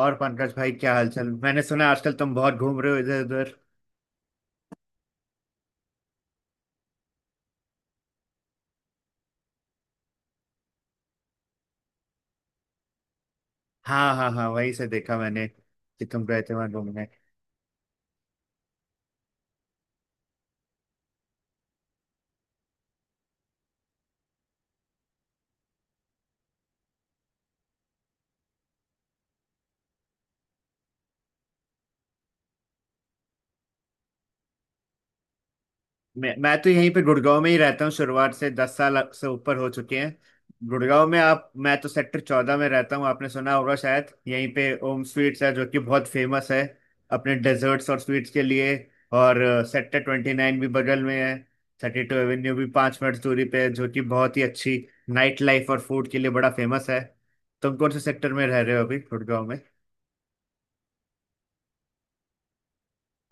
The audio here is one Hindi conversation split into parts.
और पंकज भाई, क्या हालचाल? मैंने सुना आजकल तुम बहुत घूम रहे हो इधर उधर। हाँ हाँ हाँ, वहीं से देखा मैंने कि तुम गए थे वहां घूमने। मैं तो यहीं पे गुड़गांव में ही रहता हूँ, शुरुआत से 10 साल से ऊपर हो चुके हैं गुड़गांव में। आप, मैं तो सेक्टर 14 में रहता हूँ, आपने सुना होगा शायद, यहीं पे ओम स्वीट्स है जो कि बहुत फेमस है अपने डेजर्ट्स और स्वीट्स के लिए। और सेक्टर 29 भी बगल में है। 32 एवेन्यू भी 5 मिनट दूरी पे है, जो कि बहुत ही अच्छी नाइट लाइफ और फूड के लिए बड़ा फेमस है। तुम कौन से सेक्टर में रह रहे हो अभी गुड़गांव में?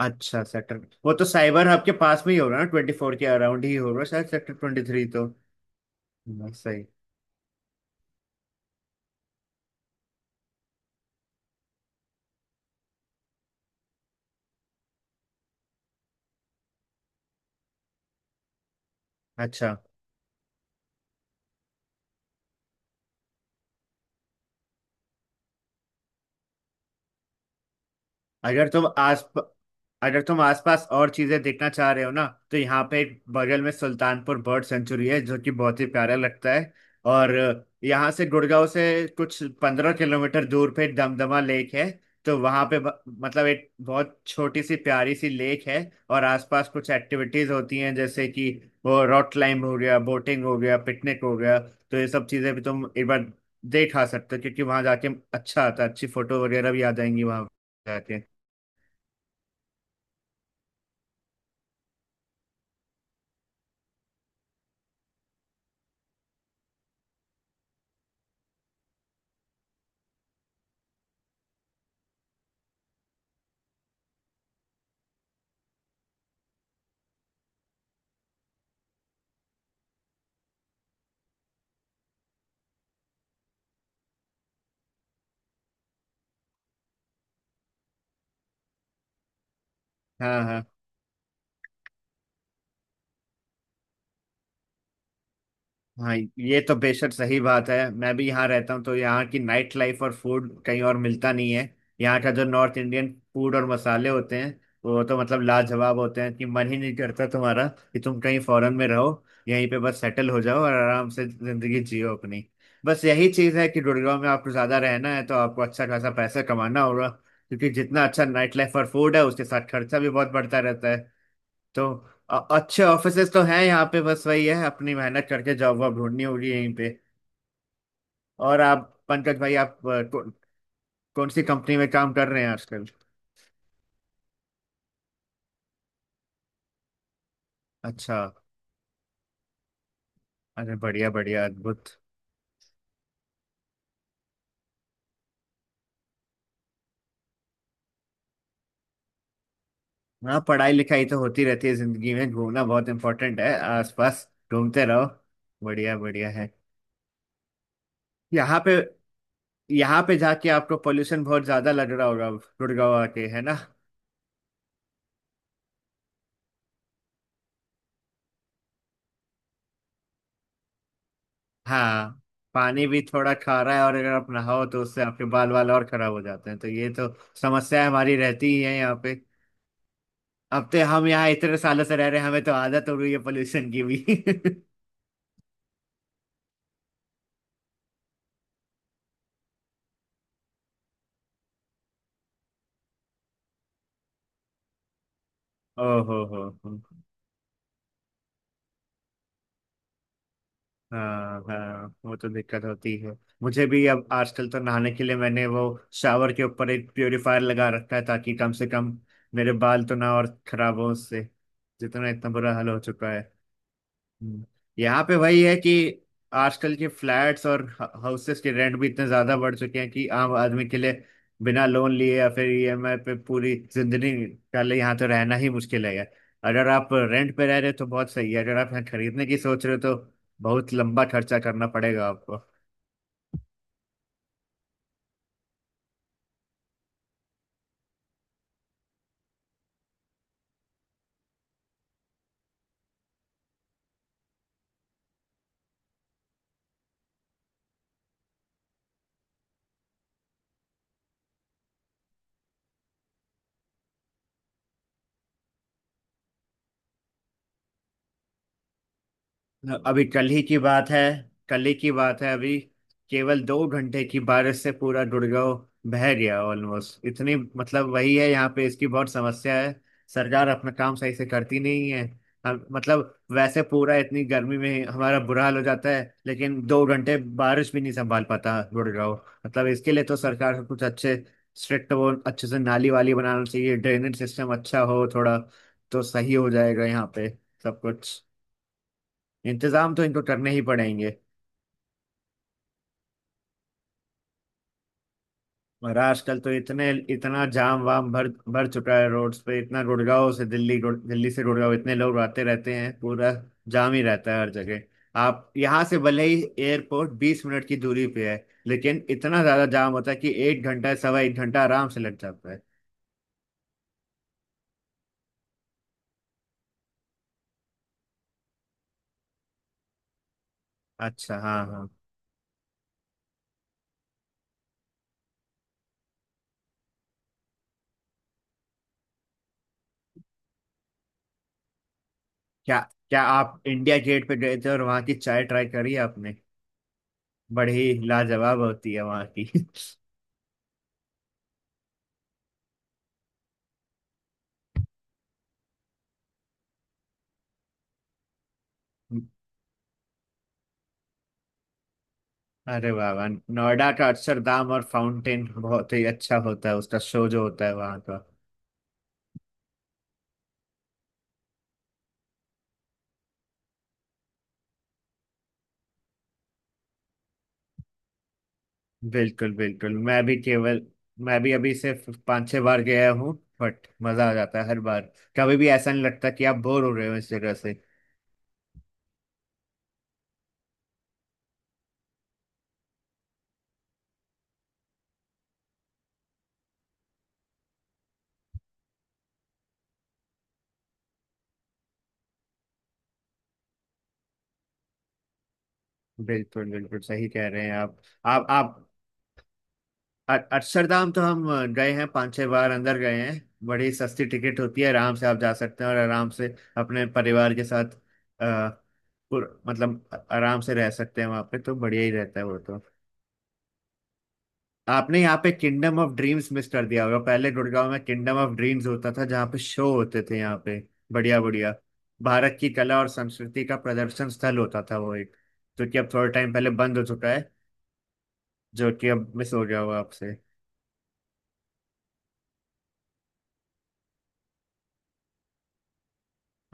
अच्छा, सेक्टर। वो तो साइबर हब के पास में ही होगा ना, 24 के अराउंड ही होगा शायद, सेक्टर 23 तो। सही। अच्छा। अगर तुम आस अगर तुम आसपास और चीजें देखना चाह रहे हो ना, तो यहाँ पे एक बगल में सुल्तानपुर बर्ड सेंचुरी है जो कि बहुत ही प्यारा लगता है। और यहाँ से, गुड़गांव से, कुछ 15 किलोमीटर दूर पे दमदमा लेक है। तो वहाँ पे मतलब एक बहुत छोटी सी प्यारी सी लेक है और आसपास कुछ एक्टिविटीज होती हैं, जैसे कि वो रॉक क्लाइंब हो गया, बोटिंग हो गया, पिकनिक हो गया। तो ये सब चीजें भी तुम एक बार देख आ सकते हो, क्योंकि वहाँ जाके अच्छा आता है, अच्छी फोटो वगैरह भी आ जाएंगी वहाँ जाके। हाँ हाँ हाँ, ये तो बेशक सही बात है, मैं भी यहाँ रहता हूँ तो यहाँ की नाइट लाइफ और फूड कहीं और मिलता नहीं है। यहाँ का जो नॉर्थ इंडियन फूड और मसाले होते हैं, वो तो मतलब लाजवाब होते हैं कि मन ही नहीं करता तुम्हारा कि तुम कहीं फॉरेन में रहो, यहीं पे बस सेटल हो जाओ और आराम से जिंदगी जियो अपनी। बस यही चीज़ है कि गुड़गांव में आपको ज़्यादा रहना है तो आपको अच्छा खासा पैसा कमाना होगा, क्योंकि जितना अच्छा नाइट लाइफ और फूड है, उसके साथ खर्चा भी बहुत बढ़ता रहता है। तो अच्छे ऑफिसेस तो हैं यहाँ पे, बस वही है अपनी मेहनत करके जॉब वॉब ढूंढनी होगी यहीं पे। और आप, पंकज भाई, कौन सी कंपनी में काम कर रहे हैं आजकल? अच्छा। अरे बढ़िया बढ़िया, अद्भुत। हाँ, पढ़ाई लिखाई तो होती रहती है जिंदगी में, घूमना बहुत इम्पोर्टेंट है, आसपास घूमते रहो। बढ़िया बढ़िया है। यहाँ पे यहाँ पे जाके आपको पोल्यूशन बहुत ज्यादा लग रहा होगा अब, गुड़गांव आके, है ना? हाँ, पानी भी थोड़ा खारा है, और अगर आप नहाओ तो उससे आपके बाल वाल और खराब हो जाते हैं, तो ये तो समस्या हमारी रहती ही है यहाँ पे। अब तो हम यहाँ इतने सालों से रह रहे हैं, हमें तो आदत हो रही है पोल्यूशन की भी। ओहो हो, हाँ हाँ, वो तो दिक्कत होती है। मुझे भी अब आजकल तो नहाने के लिए मैंने वो शावर के ऊपर एक प्योरीफायर लगा रखा है, ताकि कम से कम मेरे बाल तो ना और खराब हो उससे, जितना इतना बुरा हाल हो चुका। हम्म। यहाँ पे वही है कि आजकल के फ्लैट्स और हाउसेस के रेंट भी इतने ज्यादा बढ़ चुके हैं कि आम आदमी के लिए बिना लोन लिए या फिर ईएमआई पे पूरी जिंदगी का लिए यहाँ तो रहना ही मुश्किल है। अगर आप रेंट पे रह रहे हो तो बहुत सही है, अगर आप यहाँ खरीदने की सोच रहे हो तो बहुत लंबा खर्चा करना पड़ेगा आपको। अभी कल ही की बात है, अभी केवल 2 घंटे की बारिश से पूरा गुड़गांव बह गया ऑलमोस्ट, इतनी, मतलब वही है, यहाँ पे इसकी बहुत समस्या है, सरकार अपना काम सही से करती नहीं है। हम, मतलब वैसे पूरा इतनी गर्मी में हमारा बुरा हाल हो जाता है, लेकिन 2 घंटे बारिश भी नहीं संभाल पाता गुड़गांव। मतलब इसके लिए तो सरकार को कुछ अच्छे स्ट्रिक्ट, वो अच्छे से नाली वाली बनाना चाहिए, ड्रेनेज सिस्टम अच्छा हो थोड़ा, तो सही हो जाएगा यहाँ पे सब कुछ। इंतजाम तो इनको करने ही पड़ेंगे। और आजकल तो इतने इतना जाम वाम भर भर चुका है रोड्स पे, इतना गुड़गांव से दिल्ली, दिल्ली से गुड़गांव इतने लोग आते रहते हैं, पूरा जाम ही रहता है हर जगह। आप यहाँ से भले ही एयरपोर्ट 20 मिनट की दूरी पे है, लेकिन इतना ज्यादा जाम होता है कि एक घंटा, सवा एक घंटा आराम से लग जाता है। अच्छा, हाँ हाँ। क्या क्या आप इंडिया गेट पे गए थे और वहाँ की चाय ट्राई करी आपने? बड़ी लाजवाब होती है वहाँ की। अरे वाह वाह, नोएडा का अक्षरधाम और फाउंटेन बहुत ही अच्छा होता है, उसका शो जो होता है वहाँ का। बिल्कुल बिल्कुल, मैं भी अभी सिर्फ 5-6 बार गया हूँ, बट मजा आ जाता है हर बार, कभी भी ऐसा नहीं लगता कि आप बोर हो रहे हो इस जगह से। बिल्कुल बिल्कुल, सही कह रहे हैं आप। आप। अक्षरधाम तो हम गए हैं, 5-6 बार अंदर गए हैं। बड़ी सस्ती टिकट होती है, आराम से आप जा सकते हैं और आराम से अपने परिवार के साथ आ, पुर, मतलब अ- आराम से रह सकते हैं वहां पे, तो बढ़िया ही रहता है वो तो। आपने यहाँ पे किंगडम ऑफ ड्रीम्स मिस कर दिया होगा, पहले गुड़गांव में किंगडम ऑफ ड्रीम्स होता था जहाँ पे शो होते थे यहाँ पे। बढ़िया बढ़िया। भारत की कला और संस्कृति का प्रदर्शन स्थल होता था वो एक, जो कि अब थोड़ा टाइम पहले बंद हो चुका है, जो कि अब मिस हो गया होगा आपसे।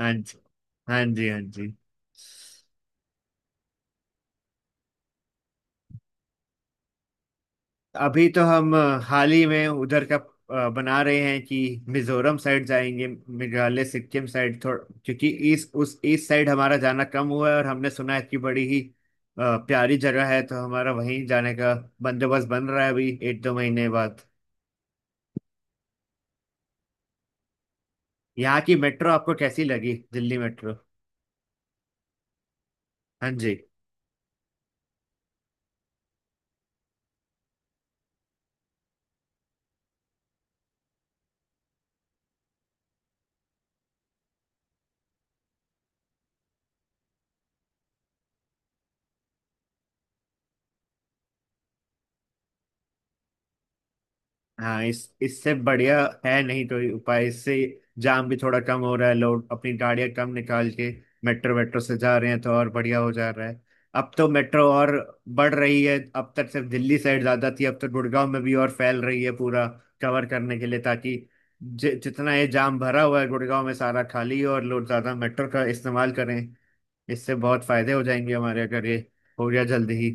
हाँ जी, हाँ जी हाँ जी। अभी तो हम हाल ही में उधर का बना रहे हैं कि मिजोरम साइड जाएंगे, मेघालय सिक्किम साइड थोड़ा, क्योंकि ईस्ट, उस ईस्ट साइड हमारा जाना कम हुआ है और हमने सुना है कि बड़ी ही प्यारी जगह है, तो हमारा वहीं जाने का बंदोबस्त बन रहा है अभी एक दो महीने बाद। यहाँ की मेट्रो आपको कैसी लगी, दिल्ली मेट्रो? हाँ जी। हाँ, इस इससे बढ़िया है नहीं, तो ये उपाय, इससे जाम भी थोड़ा कम हो रहा है, लोग अपनी गाड़ियां कम निकाल के मेट्रो वेट्रो से जा रहे हैं, तो और बढ़िया हो जा रहा है। अब तो मेट्रो और बढ़ रही है, अब तक सिर्फ दिल्ली साइड ज्यादा थी, अब तो गुड़गांव में भी और फैल रही है, पूरा कवर करने के लिए, ताकि जितना ये जाम भरा हुआ है गुड़गांव में सारा खाली हो और लोग ज्यादा मेट्रो का इस्तेमाल करें। इससे बहुत फायदे हो जाएंगे हमारे, अगर ये हो गया जल्दी ही।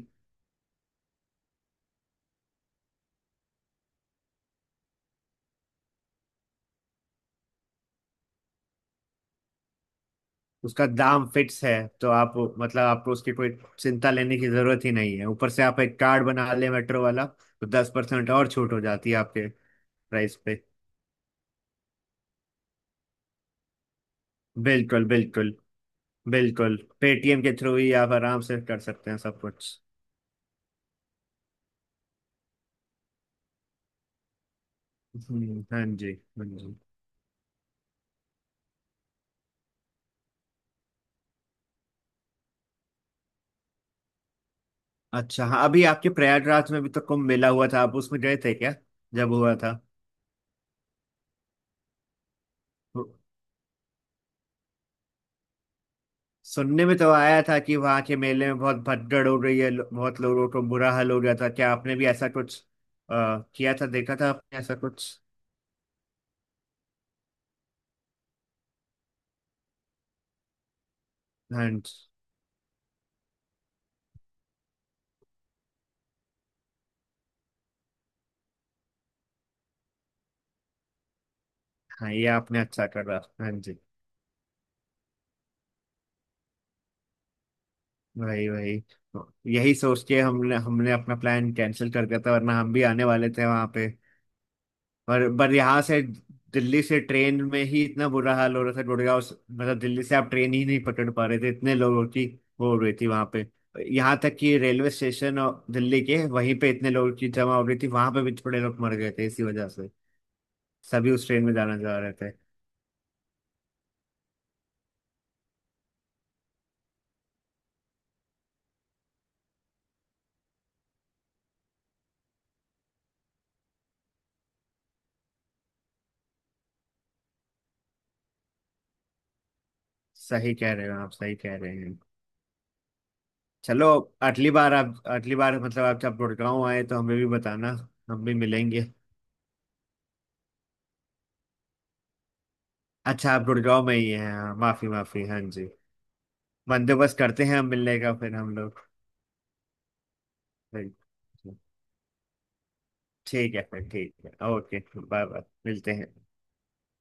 उसका दाम फिक्स है, तो आप, मतलब आपको उसकी कोई चिंता लेने की जरूरत ही नहीं है। ऊपर से आप एक कार्ड बना ले मेट्रो वाला, तो 10% और छूट हो जाती है आपके प्राइस पे। बिल्कुल बिल्कुल, बिल्कुल पेटीएम के थ्रू ही आप आराम से कर सकते हैं सब कुछ। हाँ जी हाँ जी। अच्छा, हाँ, अभी आपके प्रयागराज में भी तो कुंभ मेला हुआ था, आप उसमें गए थे क्या जब हुआ था? सुनने में तो आया था कि वहां के मेले में बहुत भगदड़ हो गई है, बहुत लोगों को बुरा हाल हो गया था, क्या आपने भी ऐसा कुछ किया था, देखा था आपने ऐसा कुछ? हाँ जी, हाँ ये आपने अच्छा करा, हाँ जी। वही वही, यही सोच के हमने हमने अपना प्लान कैंसिल कर दिया था, वरना हम भी आने वाले थे वहां पे। पर यहाँ से, दिल्ली से ट्रेन में ही इतना बुरा हाल हो रहा था, गुड़गांव से- मतलब दिल्ली से आप ट्रेन ही नहीं पकड़ पा रहे थे, इतने लोगों की वो हो रही थी वहां पे। यहाँ तक कि रेलवे स्टेशन और दिल्ली के वहीं पे इतने लोगों की जमा हो रही थी, वहां पे भी थोड़े लोग मर गए थे इसी वजह से, सभी उस ट्रेन में जाना चाह रहे थे। सही कह रहे हो आप, सही कह रहे हैं। चलो, अगली बार आप, अगली बार मतलब आप जब गुड़गांव आए तो हमें भी बताना, हम भी मिलेंगे। अच्छा, आप गुड़गांव में ही हैं, हाँ माफी माफी, हाँ जी। बंदोबस्त करते हैं हम मिलने का फिर हम लोग। बिल्कुल। ठीक है फिर, ठीक है, ओके बाय बाय, मिलते हैं।